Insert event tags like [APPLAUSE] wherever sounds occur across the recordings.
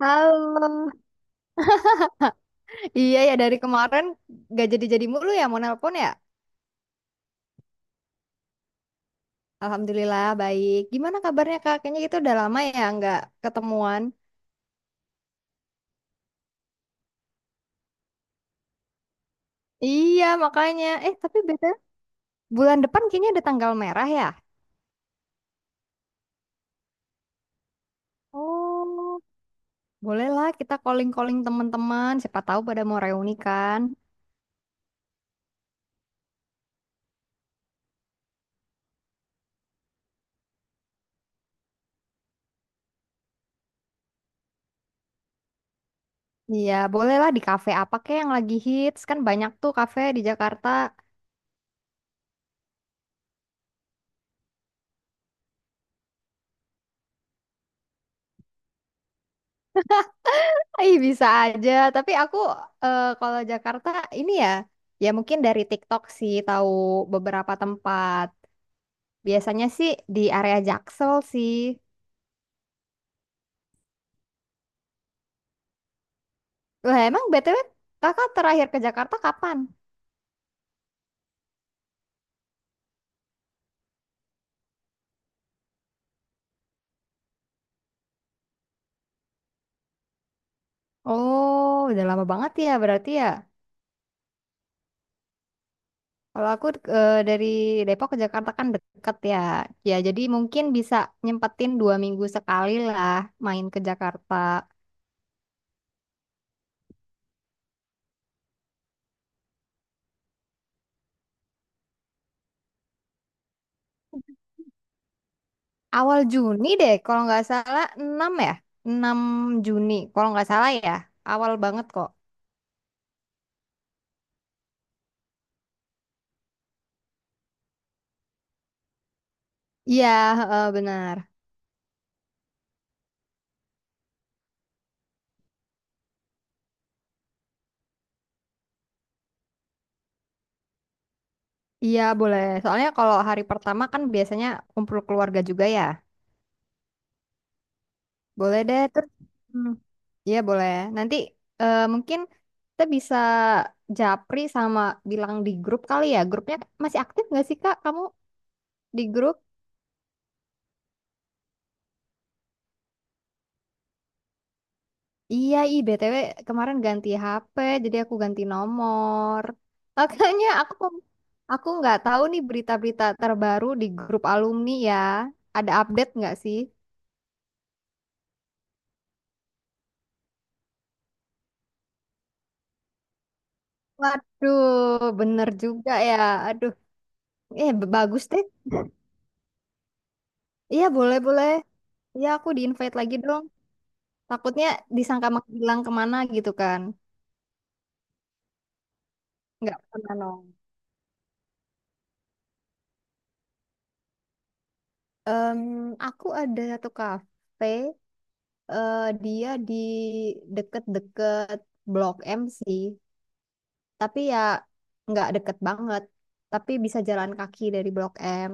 Halo. Iya ya dari kemarin gak jadi-jadi mulu ya mau nelpon ya. Alhamdulillah baik. Gimana kabarnya Kak? Kayaknya kita udah lama ya nggak ketemuan. Iya makanya. Eh tapi beda bulan depan kayaknya ada tanggal merah ya. Oh, bolehlah kita calling-calling teman-teman. Siapa tahu pada mau reuni kan. Iya bolehlah di kafe apa kek yang lagi hits kan banyak tuh kafe di Jakarta. Ih, bisa aja. Tapi aku kalau Jakarta ini ya, ya mungkin dari TikTok sih tahu beberapa tempat. Biasanya sih di area Jaksel sih. Wah, emang BTW kakak terakhir ke Jakarta kapan? Oh, udah lama banget ya berarti ya. Kalau aku dari Depok ke Jakarta kan deket ya. Ya, jadi mungkin bisa nyempetin 2 minggu sekali lah main ke Jakarta. Awal Juni deh, kalau nggak salah 6 ya? Enam Juni, kalau nggak salah ya. Awal banget kok. Iya, heeh, benar. Iya, boleh. Soalnya kalau hari pertama kan biasanya kumpul keluarga juga ya. Boleh deh, terus. Hmm. Iya, boleh. Nanti mungkin kita bisa japri sama bilang di grup kali ya. Grupnya masih aktif nggak sih, Kak? Kamu di grup? Iya, BTW kemarin ganti HP, jadi aku ganti nomor. Makanya aku nggak tahu nih berita-berita terbaru di grup alumni ya. Ada update nggak sih? Waduh, bener juga ya. Aduh, bagus deh. Iya, boleh boleh. Iya, aku di-invite lagi dong. Takutnya disangka menghilang kemana gitu kan? Nggak pernah nong. Em, Aku ada satu kafe, dia di deket-deket Blok M sih. Tapi ya nggak deket banget, tapi bisa jalan kaki dari Blok M.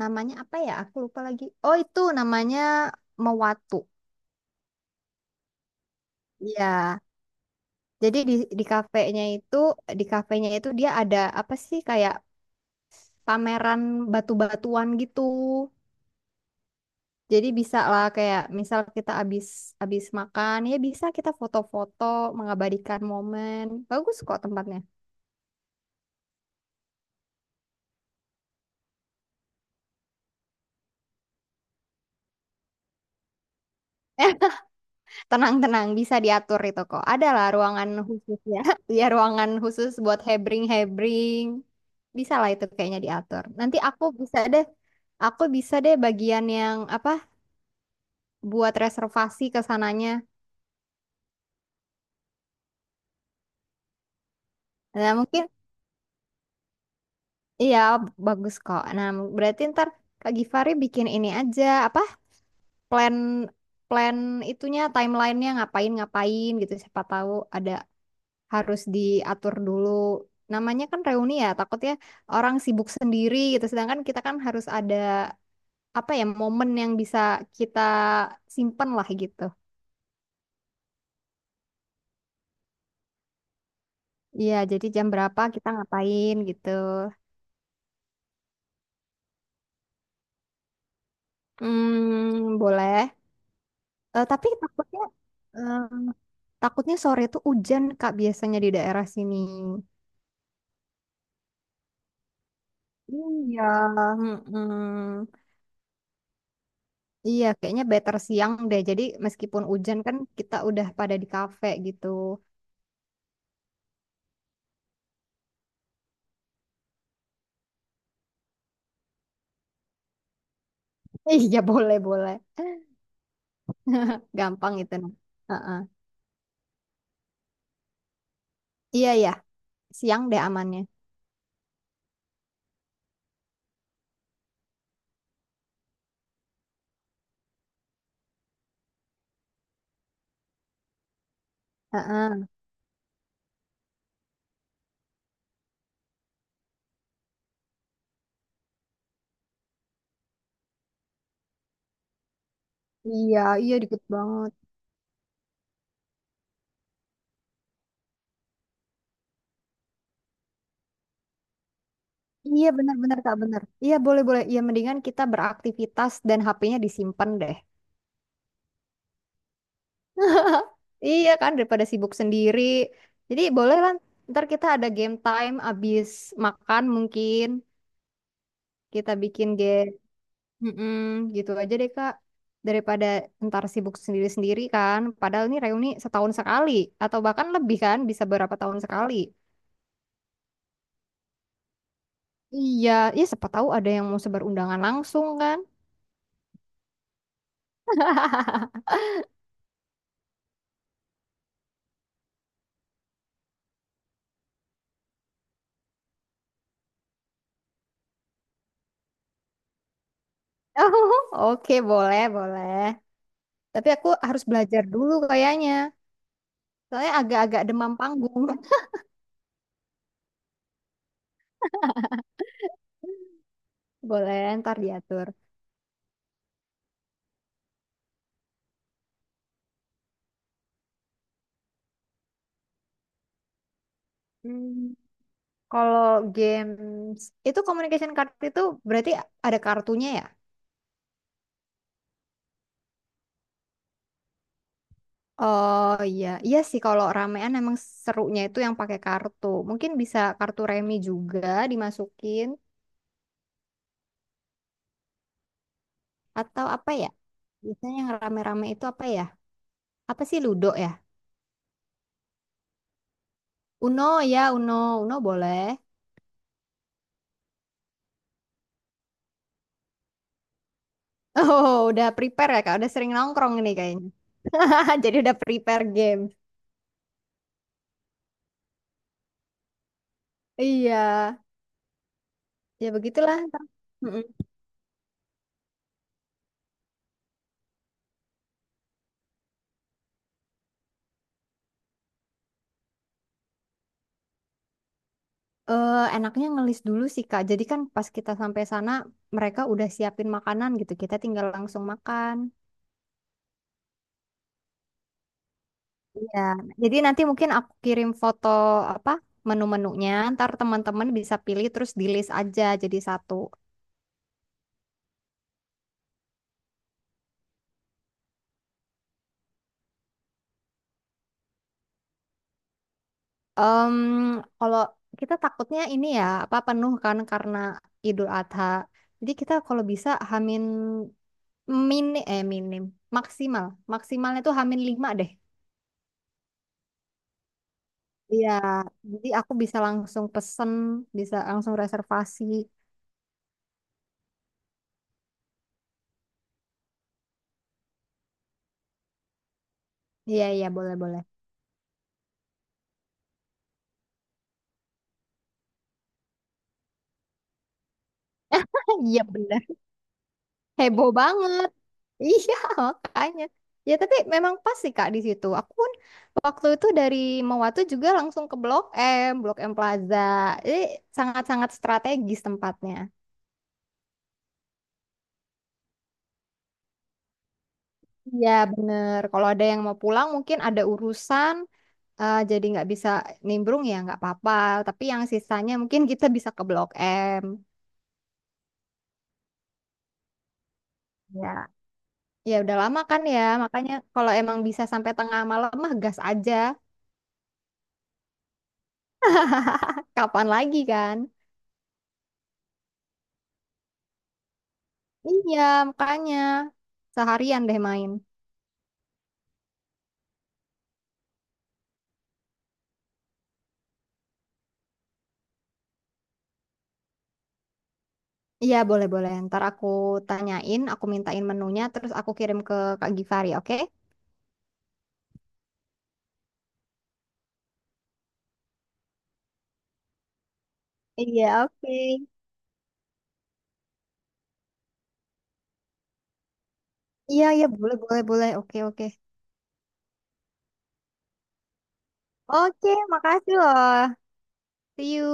Namanya apa ya, aku lupa lagi. Oh, itu namanya Mewatu ya. Jadi di kafenya itu di kafenya itu dia ada apa sih, kayak pameran batu-batuan gitu. Jadi bisa lah, kayak misal kita abis abis makan ya, bisa kita foto-foto mengabadikan momen. Bagus kok tempatnya. [LAUGHS] Tenang-tenang, bisa diatur itu kok. Adalah ruangan khusus ya. [LAUGHS] Ya, ruangan khusus buat hebring-hebring. Bisa lah itu kayaknya diatur. Nanti aku bisa deh bagian yang apa, buat reservasi ke sananya. Nah, mungkin iya bagus kok. Nah, berarti ntar Kak Givari bikin ini aja, apa, plan plan itunya, timelinenya ngapain-ngapain gitu. Siapa tahu ada harus diatur dulu. Namanya kan reuni ya, takutnya orang sibuk sendiri gitu. Sedangkan kita kan harus ada apa ya momen yang bisa kita simpen lah gitu. Iya, jadi jam berapa kita ngapain gitu. Hmm, boleh. Tapi eh, takutnya sore tuh hujan Kak biasanya di daerah sini. Iya, mm-mm. Iya, kayaknya better siang deh. Jadi meskipun hujan kan kita udah pada di kafe gitu. Iya boleh boleh. Gampang itu. Nah. Heeh. Iya ya, siang deh amannya. Heeh. Iya, iya dikit banget. Iya benar-benar Kak benar. Iya boleh-boleh. Iya mendingan kita beraktivitas dan HP-nya disimpan deh. [LAUGHS] Iya kan daripada sibuk sendiri. Jadi boleh lah. Ntar kita ada game time abis makan, mungkin kita bikin game. Mm-mm, gitu aja deh Kak. Daripada ntar sibuk sendiri-sendiri kan. Padahal ini reuni setahun sekali. Atau bahkan lebih kan. Bisa berapa tahun sekali. Iya, ya siapa tahu ada yang mau sebar undangan langsung kan. [LAUGHS] Oh, oke, boleh, boleh. Tapi aku harus belajar dulu kayaknya. Soalnya agak-agak demam panggung. [LAUGHS] Boleh, ntar diatur. Hmm, kalau games itu communication card itu berarti ada kartunya ya? Oh iya, iya sih kalau ramean emang serunya itu yang pakai kartu. Mungkin bisa kartu remi juga dimasukin atau apa ya? Biasanya yang rame-rame itu apa ya? Apa sih Ludo ya? Uno ya, Uno, Uno boleh. [LAUGHS] Oh, udah prepare ya Kak, udah sering nongkrong ini kayaknya. [LAUGHS] Jadi udah prepare game. Iya, ya begitulah. Mm-mm. Eh, enaknya ngelis dulu sih Kak. Jadi kan pas kita sampai sana mereka udah siapin makanan gitu. Kita tinggal langsung makan. Iya, jadi nanti mungkin aku kirim foto apa menu-menunya, ntar teman-teman bisa pilih terus di list aja jadi satu. Em, kalau kita takutnya ini ya apa penuh kan karena Idul Adha. Jadi kita kalau bisa hamin minim maksimal maksimalnya tuh hamin lima deh. Iya, jadi aku bisa langsung pesen, bisa langsung reservasi. Iya iya boleh boleh. [LAUGHS] Iya bener. Heboh banget. Iya, [LAUGHS] makanya. Ya, tapi memang pas sih, Kak, di situ. Aku pun waktu itu dari Mawatu juga langsung ke Blok M, Blok M Plaza. Jadi sangat-sangat strategis tempatnya. Iya, bener. Kalau ada yang mau pulang mungkin ada urusan, jadi nggak bisa nimbrung ya nggak apa-apa. Tapi yang sisanya mungkin kita bisa ke Blok M. Ya. Ya udah lama kan ya, makanya kalau emang bisa sampai tengah malam mah gas aja. [LAUGHS] Kapan lagi kan? Iya, makanya seharian deh main. Iya, boleh-boleh. Ntar aku tanyain, aku mintain menunya, terus aku kirim ke Kak Givari, oke? Iya, oke. Iya, iya, boleh, boleh, boleh. Oke, oke. Oke, makasih loh. See you.